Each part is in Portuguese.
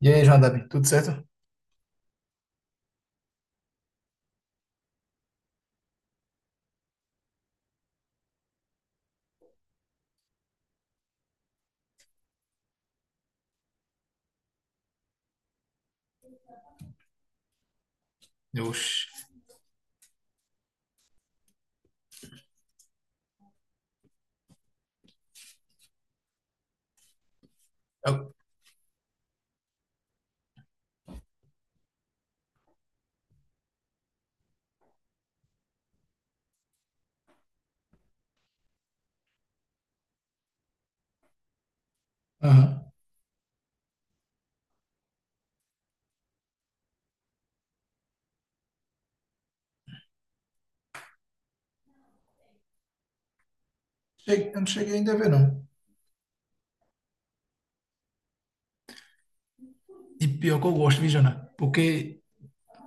E aí, João Davi, tudo certo? Deus. Eu, Aham. Eu não cheguei ainda a ver, não. E pior que eu gosto, viu, Jana? Porque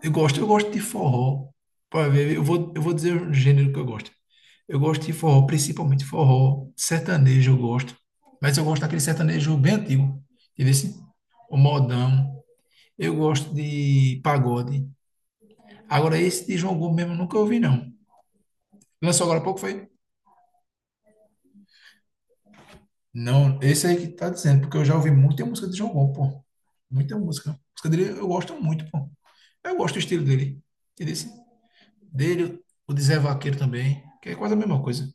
eu gosto de forró. Pra ver, eu vou dizer o gênero que eu gosto. Eu gosto de forró, principalmente forró. Sertanejo eu gosto. Mas eu gosto daquele sertanejo bem antigo. Entendeu? Assim? O modão. Eu gosto de pagode. Agora, esse de João Gomes mesmo eu nunca ouvi, não. Lançou agora há pouco, foi? Não, esse aí que tá dizendo, porque eu já ouvi muita música de João Bom, pô. Muita música. A música dele eu gosto muito, pô. Eu gosto do estilo dele. E dele, o de Zé Vaqueiro também, que é quase a mesma coisa.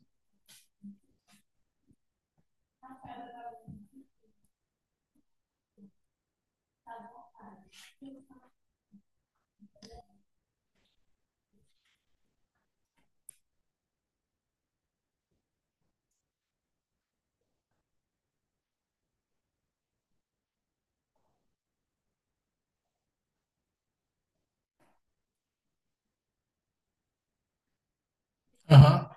Aham.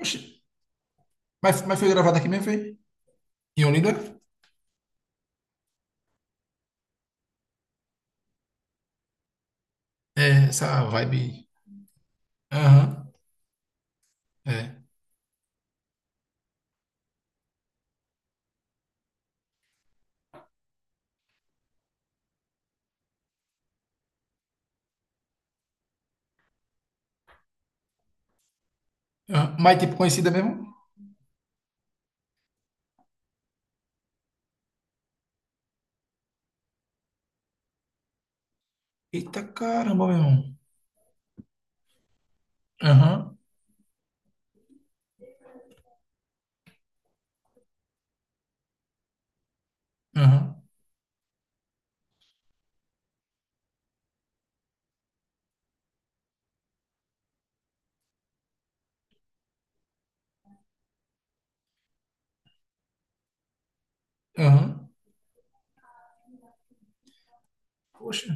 Oxi. Mas foi gravado aqui mesmo, foi? Em Olinda? É, essa vibe. Aham. É. Aham. Mas tipo conhecida mesmo? Eita caramba, meu irmão. Aham. Aham. Aham. Poxa.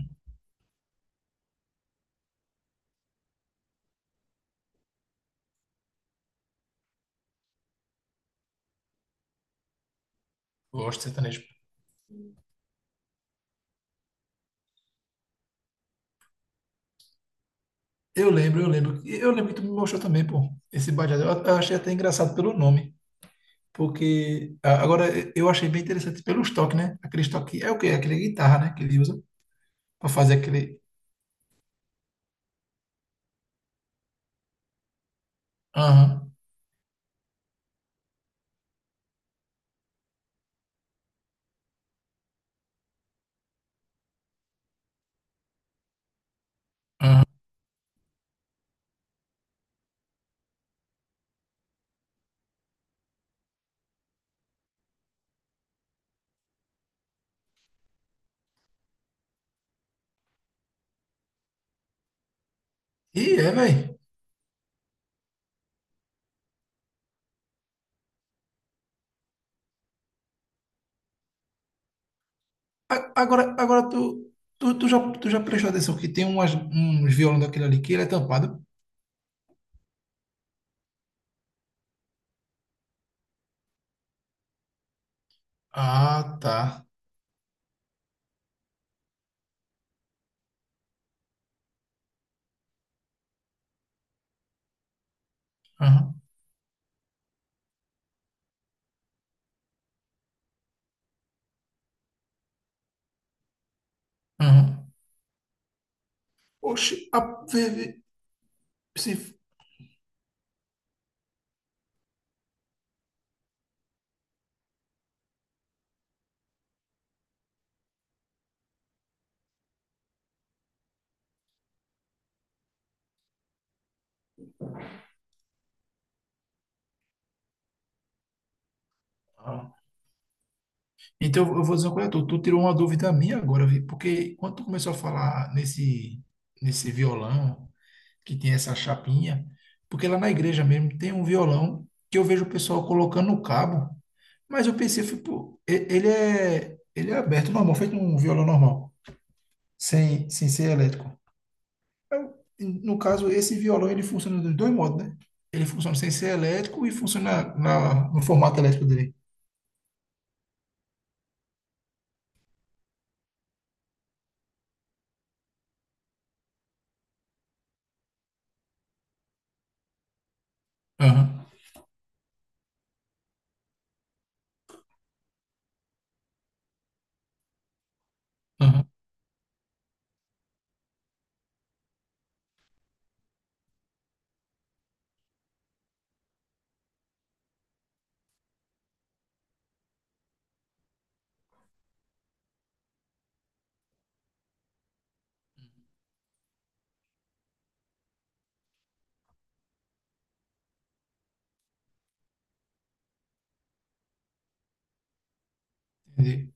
Gosto de sertanejo. Eu lembro. Eu lembro que tu me mostrou também, pô, esse badeado. Eu achei até engraçado pelo nome, porque agora eu achei bem interessante pelos toques, né? Aqueles toques, é o quê? Aquele guitarra, né? Que ele usa pra fazer aquele... Aham. E é, velho. Agora, tu já prestou atenção que tem umas, uns violão daquele ali que ele é tampado? Ah, tá. Aham, aham. Oxi, a... vê- vê- se... ah. Então, eu vou dizer uma coisa, tu tirou uma dúvida minha agora, vi, porque quando tu começou a falar nesse violão, que tem essa chapinha, porque lá na igreja mesmo tem um violão que eu vejo o pessoal colocando no cabo, mas eu pensei, fui, pô, ele é aberto, normal, feito um violão normal, sem ser elétrico. No caso, esse violão, ele funciona dos dois modos, né? Ele funciona sem ser elétrico e funciona no formato elétrico dele. Aham, aham, entendi.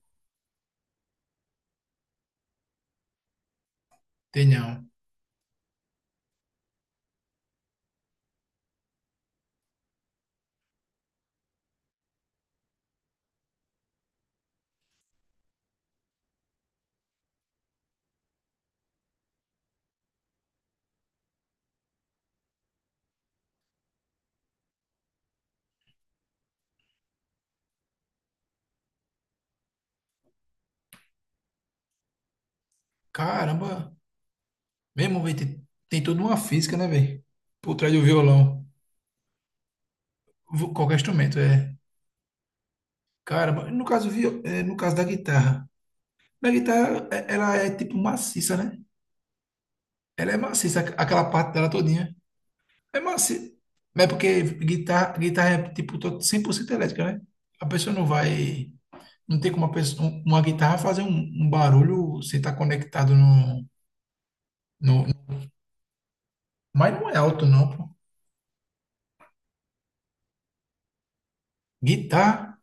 Tem não. Caramba, mesmo, velho, tem toda uma física, né, velho? Por trás do violão. Qualquer instrumento, é. Caramba, no caso, no caso da guitarra. Na guitarra, ela é tipo maciça, né? Ela é maciça, aquela parte dela todinha. É maciça. Mas é porque guitarra é tipo 100% elétrica, né? A pessoa não vai. Não tem como uma, pessoa, uma guitarra fazer um barulho sem estar conectado no. Mas não é alto, não, pô. Guitarra,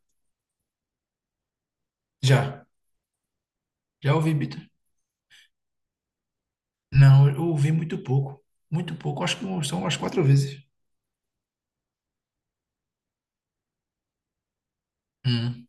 já. Já ouvi. Não, eu ouvi muito pouco. Muito pouco. Acho que um, são umas quatro vezes. Hum.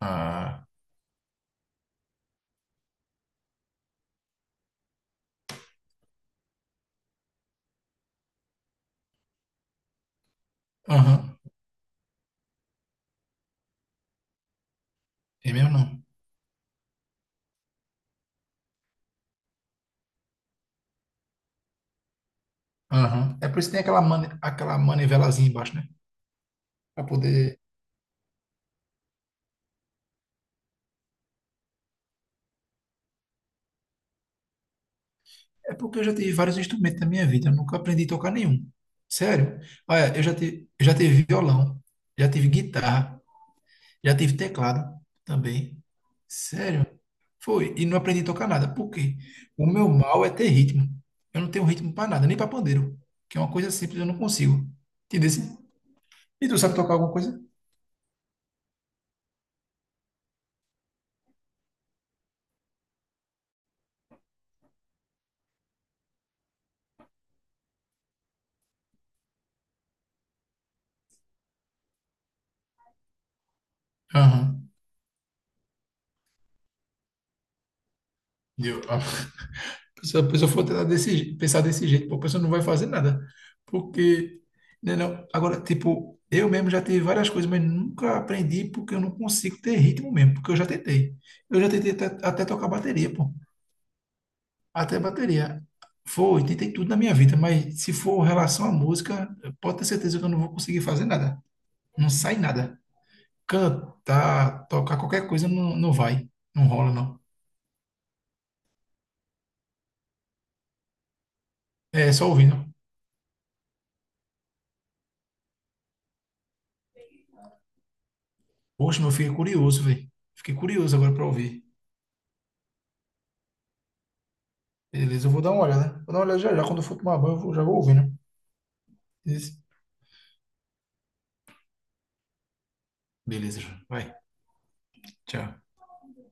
Ah. Aham. É mesmo não. Aham. É por isso que tem aquela manivelazinha embaixo, né? Pra poder. É porque eu já tive vários instrumentos na minha vida. Eu nunca aprendi a tocar nenhum. Sério. Olha, eu já tive violão. Já tive guitarra. Já tive teclado também. Sério? Foi. E não aprendi a tocar nada. Por quê? O meu mal é ter ritmo. Eu não tenho ritmo para nada, nem para pandeiro, que é uma coisa simples, eu não consigo. Entendeu? E tu sabe tocar alguma coisa? Aham. Eu, a pessoa for tentar pensar desse jeito, pô, a pessoa não vai fazer nada. Porque, né, não. Agora, tipo, eu mesmo já tive várias coisas, mas nunca aprendi porque eu não consigo ter ritmo mesmo, porque eu já tentei. Eu já tentei até tocar bateria, pô. Até bateria. Foi, tentei tudo na minha vida, mas se for relação à música, pode ter certeza que eu não vou conseguir fazer nada. Não sai nada. Cantar, tocar qualquer coisa não, não vai. Não rola, não. É só ouvindo. Poxa, meu, fiquei curioso, velho. Fiquei curioso agora pra ouvir. Beleza, eu vou dar uma olhada. Né? Vou dar uma olhada já já. Quando eu for tomar banho, já vou ouvindo. Beleza, vai. Tchau.